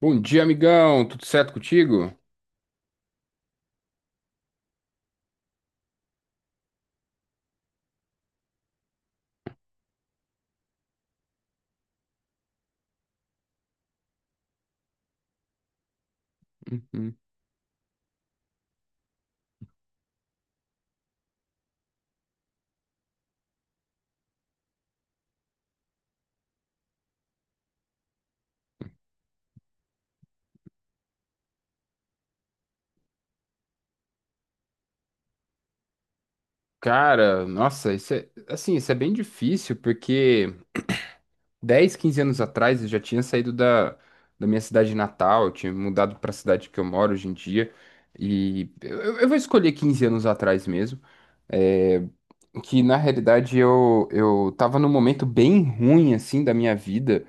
Bom dia, amigão. Tudo certo contigo? Uhum. Cara, nossa, isso é assim, isso é bem difícil, porque 10, 15 anos atrás eu já tinha saído da minha cidade natal, eu tinha mudado para a cidade que eu moro hoje em dia. E eu vou escolher 15 anos atrás mesmo. é, que na realidade eu tava num momento bem ruim assim da minha vida.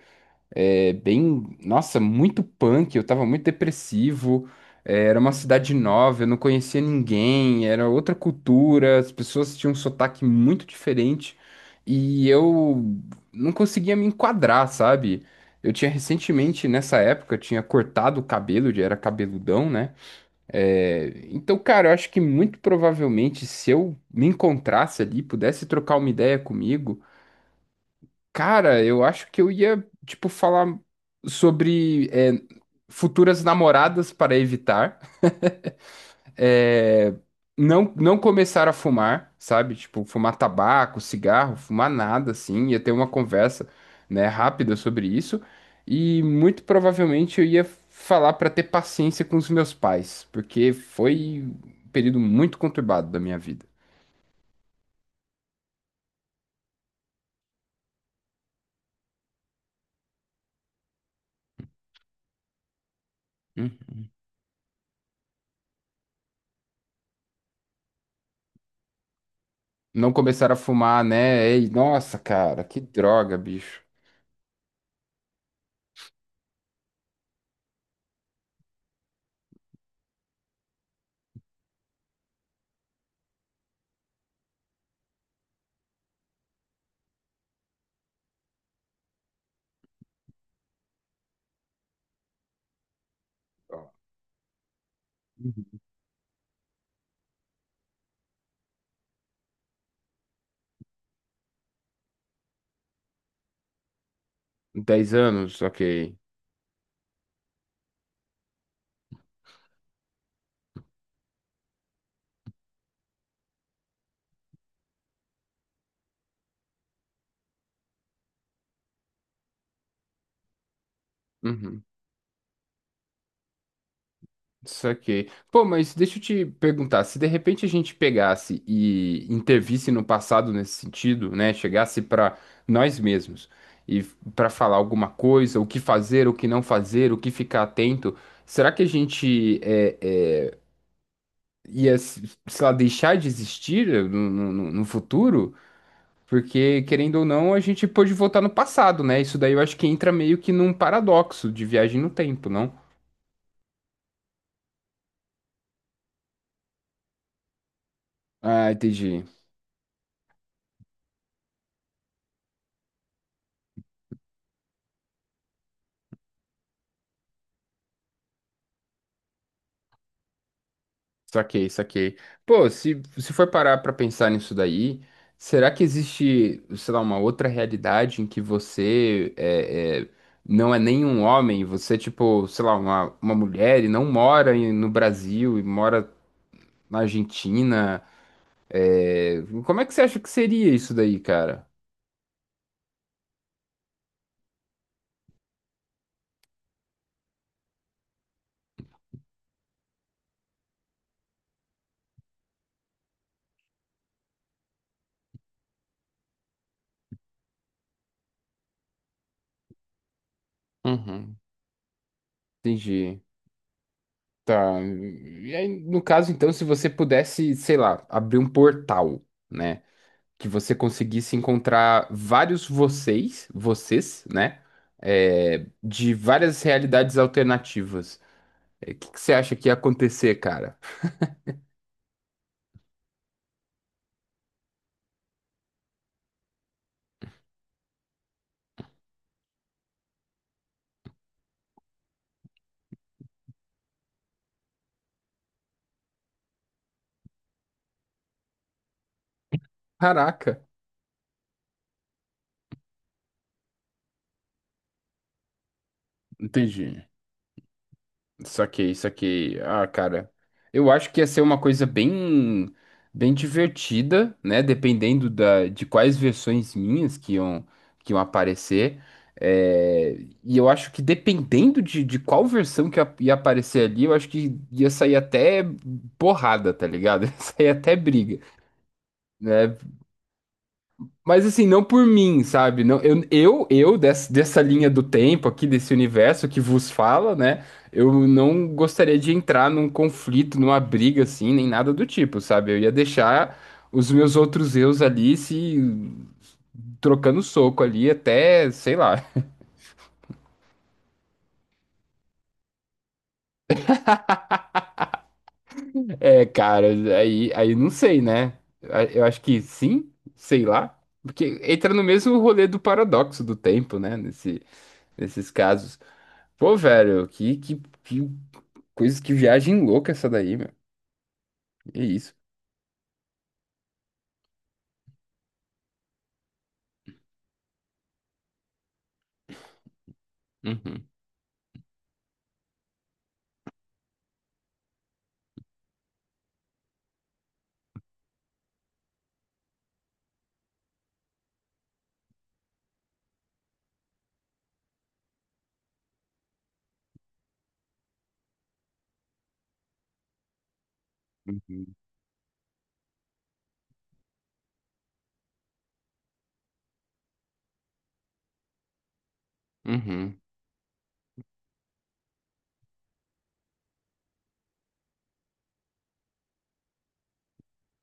Bem, nossa, muito punk, eu tava muito depressivo. Era uma cidade nova, eu não conhecia ninguém, era outra cultura, as pessoas tinham um sotaque muito diferente e eu não conseguia me enquadrar, sabe? Eu tinha recentemente, nessa época, eu tinha cortado o cabelo, já era cabeludão, né? Então, cara, eu acho que muito provavelmente se eu me encontrasse ali, pudesse trocar uma ideia comigo. Cara, eu acho que eu ia, tipo, falar sobre futuras namoradas para evitar. É, não, não começar a fumar, sabe? Tipo, fumar tabaco, cigarro, fumar nada, assim. Ia ter uma conversa, né, rápida sobre isso. E muito provavelmente eu ia falar para ter paciência com os meus pais, porque foi um período muito conturbado da minha vida. Uhum. Não começar a fumar, né? Ei, nossa, cara, que droga, bicho. 10 anos, ok. Uhum, saquei. Pô, mas deixa eu te perguntar, se de repente a gente pegasse e intervisse no passado nesse sentido, né? Chegasse para nós mesmos e para falar alguma coisa, o que fazer, o que não fazer, o que ficar atento, será que a gente é, ia, sei lá, deixar de existir no futuro? Porque, querendo ou não, a gente pôde voltar no passado, né? Isso daí eu acho que entra meio que num paradoxo de viagem no tempo, não? Ah, entendi. Saquei, saquei. Pô, se for parar pra pensar nisso daí, será que existe, sei lá, uma outra realidade em que você não é nem um homem, você é tipo, sei lá, uma mulher e não mora no Brasil e mora na Argentina? Como é que você acha que seria isso daí, cara? Uhum. Entendi. Tá. E aí, no caso, então, se você pudesse, sei lá, abrir um portal, né? Que você conseguisse encontrar vários vocês, vocês, né? De várias realidades alternativas. O que que você acha que ia acontecer, cara? Caraca! Entendi. Saquei, saquei. Ah, cara, eu acho que ia ser uma coisa bem, bem divertida, né? Dependendo da, de quais versões minhas que iam aparecer. É, e eu acho que dependendo de qual versão que ia aparecer ali, eu acho que ia sair até porrada, tá ligado? Ia sair até briga, né? Mas assim, não por mim, sabe? Não, eu dessa linha do tempo aqui, desse universo que vos fala, né? Eu não gostaria de entrar num conflito, numa briga assim, nem nada do tipo, sabe? Eu ia deixar os meus outros eus ali se trocando soco ali até, sei lá. Cara, aí não sei, né? Eu acho que sim, sei lá. Porque entra no mesmo rolê do paradoxo do tempo, né? Nesses casos. Pô, velho, que coisas que viagem louca essa daí, meu. É isso. Uhum, uhum, uhum,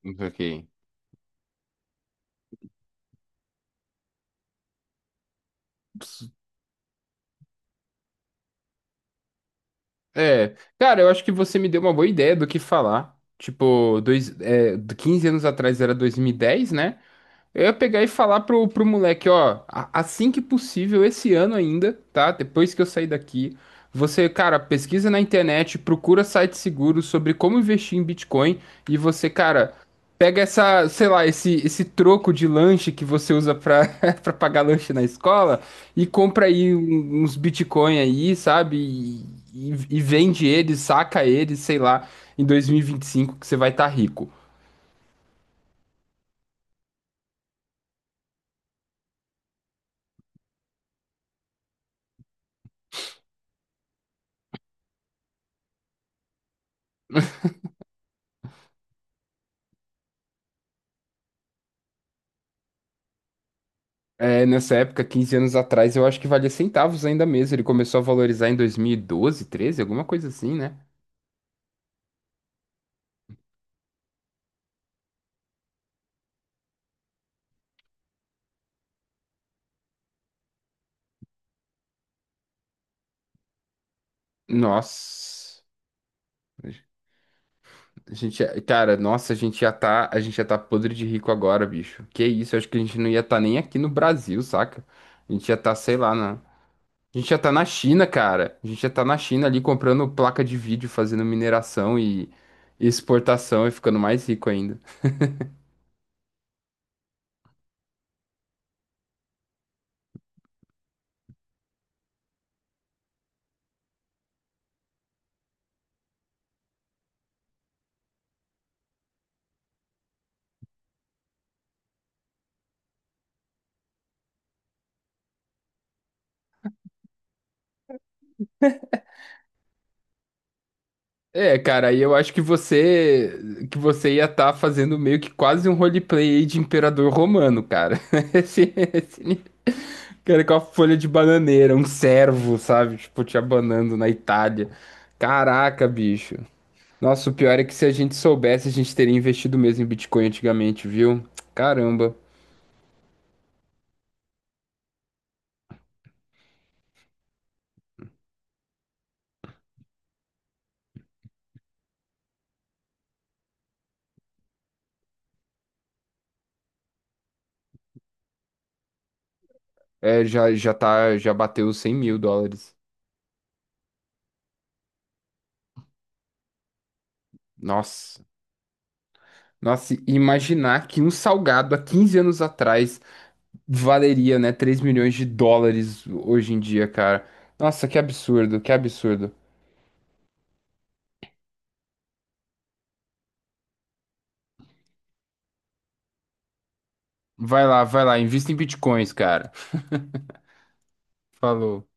ok. Ps- É, Cara, eu acho que você me deu uma boa ideia do que falar. Tipo, do 15 anos atrás era 2010, né? Eu ia pegar e falar pro moleque, ó, assim que possível, esse ano ainda, tá? Depois que eu sair daqui, você, cara, pesquisa na internet, procura sites seguros sobre como investir em Bitcoin e você, cara, pega essa, sei lá, esse troco de lanche que você usa pra, pra pagar lanche na escola e compra aí uns Bitcoin aí, sabe? E vende eles, saca eles, sei lá, em 2025 que você vai estar rico. Nessa época, 15 anos atrás, eu acho que valia centavos ainda mesmo. Ele começou a valorizar em 2012, 13, alguma coisa assim, né? Nossa. Cara, nossa, a gente ia tá podre de rico agora, bicho. Que isso, eu acho que a gente não ia tá nem aqui no Brasil, saca? A gente ia tá, sei lá, a gente ia tá na China, cara. A gente ia tá na China ali comprando placa de vídeo, fazendo mineração e exportação e ficando mais rico ainda. Cara, aí eu acho que você ia estar fazendo meio que quase um roleplay aí de imperador romano, cara. Esse, esse, ni- Cara com a folha de bananeira, um servo, sabe? Tipo, te abanando na Itália. Caraca, bicho. Nossa, o pior é que se a gente soubesse, a gente teria investido mesmo em Bitcoin antigamente, viu? Caramba. Já bateu os 100 mil dólares. Nossa. Nossa, e imaginar que um salgado há 15 anos atrás valeria, né, 3 milhões de dólares hoje em dia, cara. Nossa, que absurdo, que absurdo. Vai lá, invista em bitcoins, cara. Falou.